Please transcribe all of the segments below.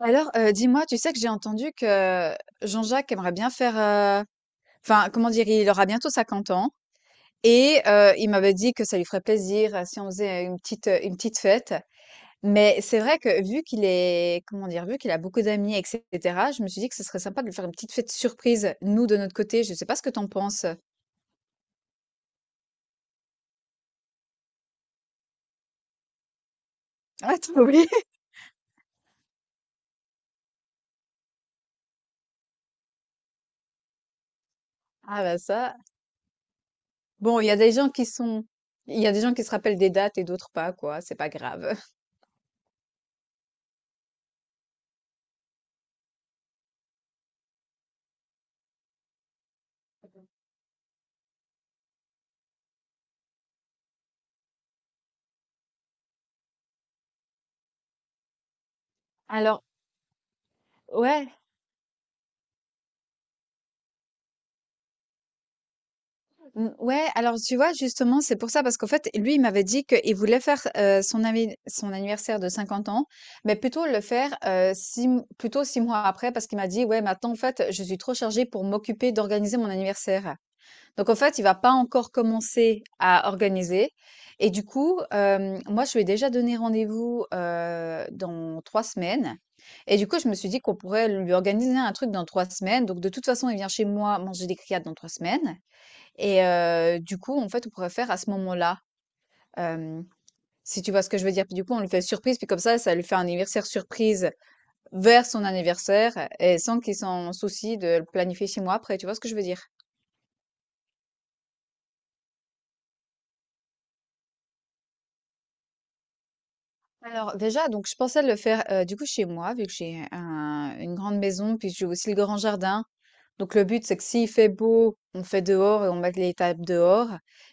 Alors, dis-moi, tu sais que j'ai entendu que Jean-Jacques aimerait bien faire, enfin, comment dire? Il aura bientôt 50 ans et il m'avait dit que ça lui ferait plaisir, si on faisait une petite fête. Mais c'est vrai que vu qu'il est comment dire? Vu qu'il a beaucoup d'amis et cetera, je me suis dit que ce serait sympa de lui faire une petite fête surprise, nous, de notre côté. Je sais pas ce que tu en penses? Ah, trop bien! Ah bah ça. Bon, il y a des gens qui se rappellent des dates et d'autres pas, quoi, c'est pas grave. Alors ouais, mmh, ouais, alors tu vois, justement, c'est pour ça, parce qu'en fait, lui, il m'avait dit qu'il voulait faire son anniversaire de 50 ans, mais plutôt le faire plutôt 6 mois après, parce qu'il m'a dit, ouais, maintenant, en fait, je suis trop chargée pour m'occuper d'organiser mon anniversaire. Donc en fait, il va pas encore commencer à organiser et du coup, moi, je lui ai déjà donné rendez-vous, dans 3 semaines et du coup, je me suis dit qu'on pourrait lui organiser un truc dans 3 semaines. Donc de toute façon, il vient chez moi manger des criades dans 3 semaines et du coup, en fait, on pourrait faire à ce moment-là, hem, si tu vois ce que je veux dire? Puis du coup, on lui fait surprise, puis comme ça lui fait un anniversaire surprise vers son anniversaire et sans qu'il s'en soucie de le planifier chez moi après, tu vois ce que je veux dire? Alors déjà, donc je pensais le faire du coup chez moi, vu que j'ai une grande maison, puis j'ai aussi le grand jardin. Donc le but, c'est que s'il fait beau, on fait dehors et on met les tables dehors.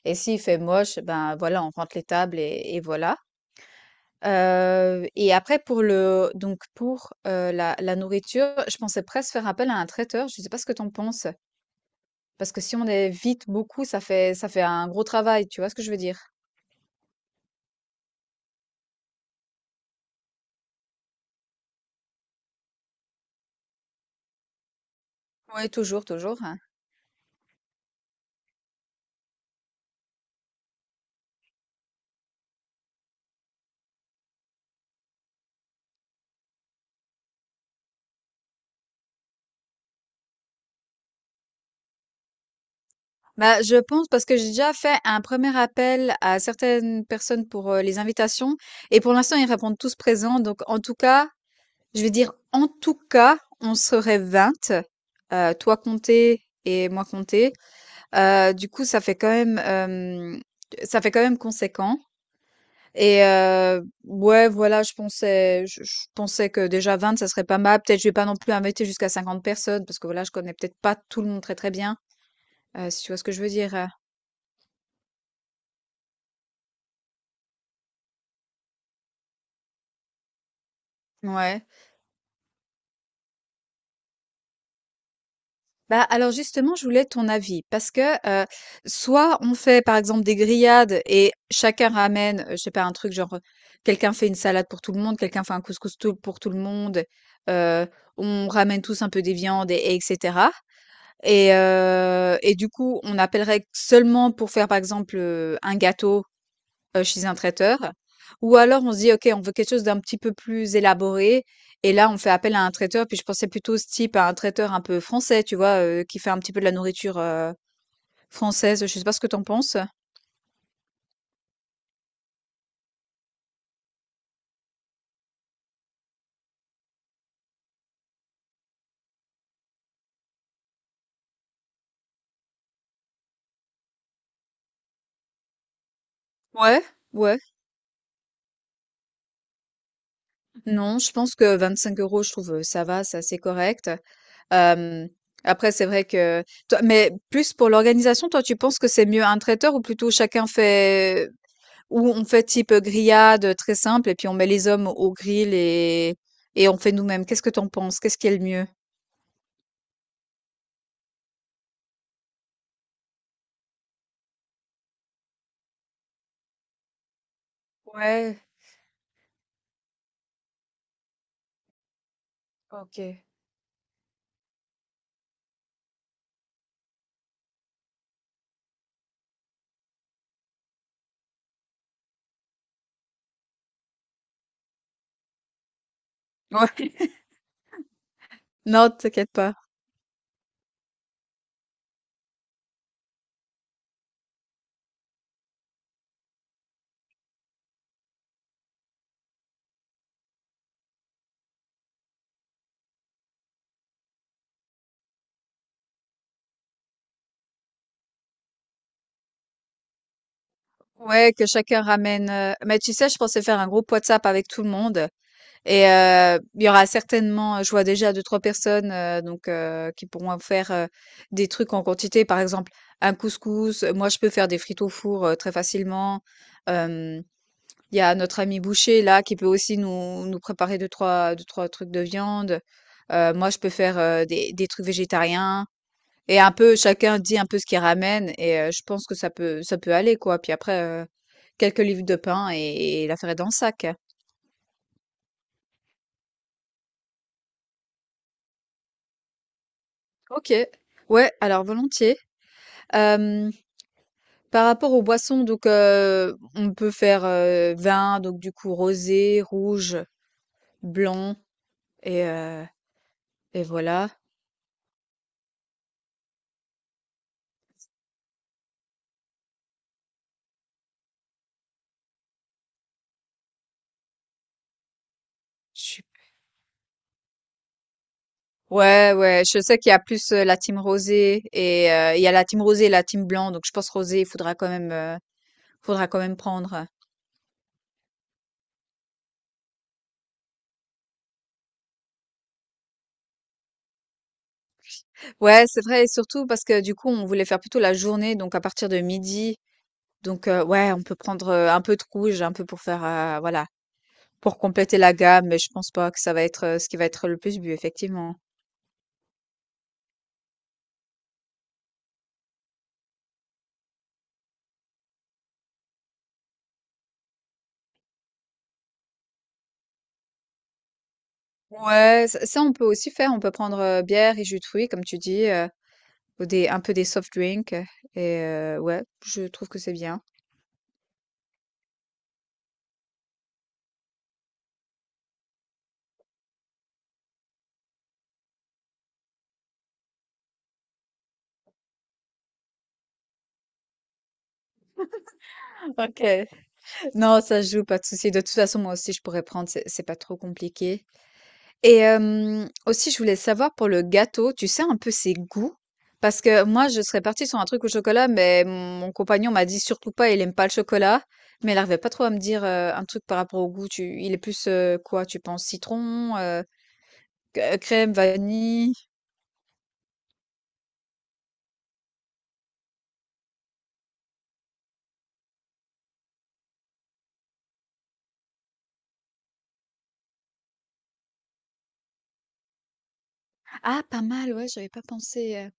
Et s'il fait moche, ben voilà, on rentre les tables et voilà. Et après pour le donc pour la nourriture, je pensais presque faire appel à un traiteur. Je sais pas ce que t'en penses, parce que si on est vite beaucoup, ça fait un gros travail. Tu vois ce que je veux dire? Oui, toujours, toujours. Bah, je pense parce que j'ai déjà fait un premier appel à certaines personnes pour les invitations et pour l'instant ils répondent tous présents. Donc en tout cas, je vais dire en tout cas, on serait 20, toi compté et moi compté. Du coup, ça fait quand même conséquent. Et ouais, voilà, je pensais que déjà 20, ça serait pas mal. Peut-être je vais pas non plus inviter jusqu'à 50 personnes parce que voilà, je connais peut-être pas tout le monde très très bien. Si tu vois ce que je veux dire. Ouais. Bah, alors justement, je voulais ton avis parce que, heu, soit on fait par exemple des grillades et chacun ramène, je sais pas un truc genre, quelqu'un fait une salade pour tout le monde, quelqu'un fait un couscous tout pour tout le monde, heu, on ramène tous un peu des viandes et cetera et du coup, on appellerait seulement pour faire par exemple, un gâteau chez un traiteur. Ou alors on se dit: «OK, on veut quelque chose d'un petit peu plus élaboré» et là on fait appel à un traiteur. Puis je pensais plutôt ce type à un traiteur un peu français, tu vois? Qui fait un petit peu de la nourriture, française. Je sais pas ce que t'en penses? Ouais, ouais. Non, je pense que 25 € je trouve, ça va, c'est assez correct. Hem, après c'est vrai que toi mais plus pour l'organisation, toi tu penses que c'est mieux un traiteur ou plutôt chacun fait ou on fait type, grillade, très simple et puis on met les hommes au grill et on fait nous-mêmes? Qu'est-ce que t'en penses? Qu'est-ce qui est le mieux? Ouais, OK. Ouais. Non, t'inquiète pas. Ouais, que chacun ramène, mais tu sais, je pensais faire un groupe WhatsApp avec tout le monde. Et il y aura certainement je vois déjà deux trois personnes, donc qui pourront faire, des trucs en quantité. Par exemple, un couscous, moi je peux faire des frites au four, très facilement. Hem, il y a notre ami boucher là qui peut aussi nous nous préparer deux trois trucs de viande. Moi je peux faire, des trucs végétariens et un peu chacun dit un peu ce qu'il ramène et je pense que ça peut aller quoi. Puis après, quelques livres de pain et l'affaire est dans le sac. OK. Ouais, alors volontiers. Hem, par rapport aux boissons, donc on peut faire, vin, donc du coup rosé, rouge, blanc et voilà. Je suis ouais, ouais, je sais qu'il y a plus, la team rosé et il y a la team rosé et la team blanc, donc je pense rosé, il faudra quand même, prendre. Ouais, c'est vrai et surtout parce que du coup, on voulait faire plutôt la journée, donc à partir de midi, donc ouais, on peut prendre, un peu de rouge, un peu pour faire, voilà. Pour compléter la gamme, mais je pense pas que ça va être, ce qui va être le plus bu, effectivement. Ouais, ça ça on peut aussi faire, on peut prendre, bière et jus de fruits comme tu dis, ou des un peu des soft drinks et ouais, je trouve que c'est bien. OK. Non, ça se joue, pas de souci. De toute façon, moi aussi, je pourrais prendre, c'est pas trop compliqué. Et aussi je voulais savoir pour le gâteau, tu sais un peu ses goûts? Parce que moi je serais partie sur un truc au chocolat, mais mon compagnon m'a dit: «Surtout pas, il aime pas le chocolat». Mais il arrivait pas trop à me dire, un truc par rapport au goût. Tu il est plus, quoi, tu penses citron, c crème, vanille? Ah pas mal, ouais, j'avais pas pensé.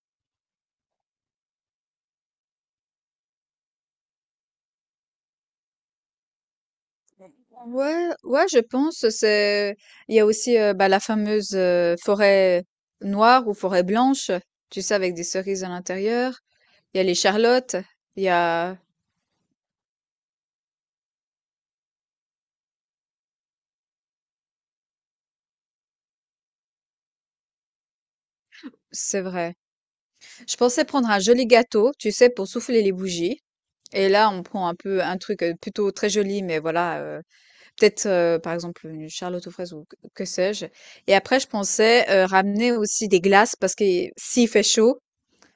Ouais, ouais, je pense. Il y a aussi bah, la fameuse forêt noire ou forêt blanche, tu sais, avec des cerises à l'intérieur. Il y a les charlottes. Il y a, c'est vrai. Je pensais prendre un joli gâteau, tu sais, pour souffler les bougies. Et là, on prend un peu un truc plutôt très joli, mais voilà, peut-être par exemple une charlotte aux fraises ou que sais-je. Et après, je pensais ramener aussi des glaces parce que s'il fait chaud.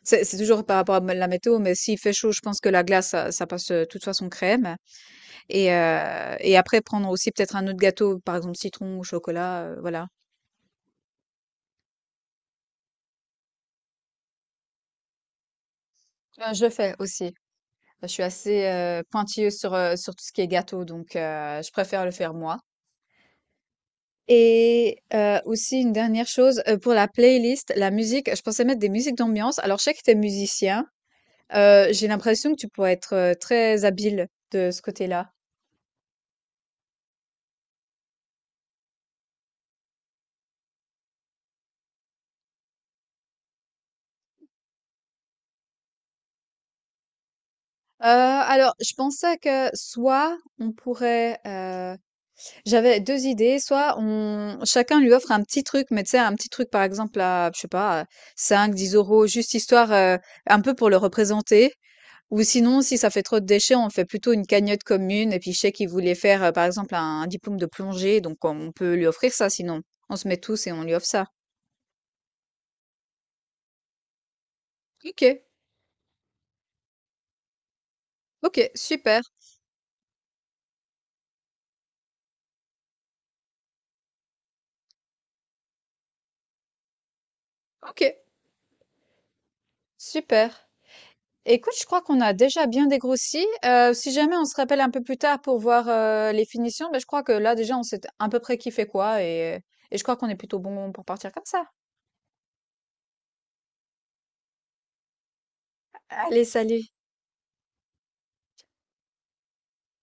C'est toujours par rapport à la météo, mais s'il fait chaud, je pense que la glace, ça passe toute façon crème. Et après, prendre aussi peut-être un autre gâteau, par exemple citron ou chocolat, voilà. Je le fais aussi. Je suis assez pointilleuse sur, sur tout ce qui est gâteau, donc je préfère le faire moi. Et aussi une dernière chose, pour la playlist, la musique, je pensais mettre des musiques d'ambiance. Alors, je sais que tu es musicien, j'ai l'impression que tu pourrais être très habile de ce côté-là. Alors je pensais que soit on pourrait, j'avais 2 idées, soit on chacun lui offre un petit truc, mais tu sais un petit truc par exemple à je sais pas, à 5-10 € juste histoire, un peu pour le représenter ou sinon si ça fait trop de déchets, on fait plutôt une cagnotte commune et puis je sais qu'il voulait faire, par exemple un diplôme de plongée donc on peut lui offrir ça sinon. On se met tous et on lui offre ça. OK, OK, super, OK, super. Écoute, je crois qu'on a déjà bien dégrossi. Si jamais on se rappelle un peu plus tard pour voir les finitions, ben, je crois que là déjà on sait à peu près qui fait quoi et je crois qu'on est plutôt bon pour partir comme ça. Allez, salut!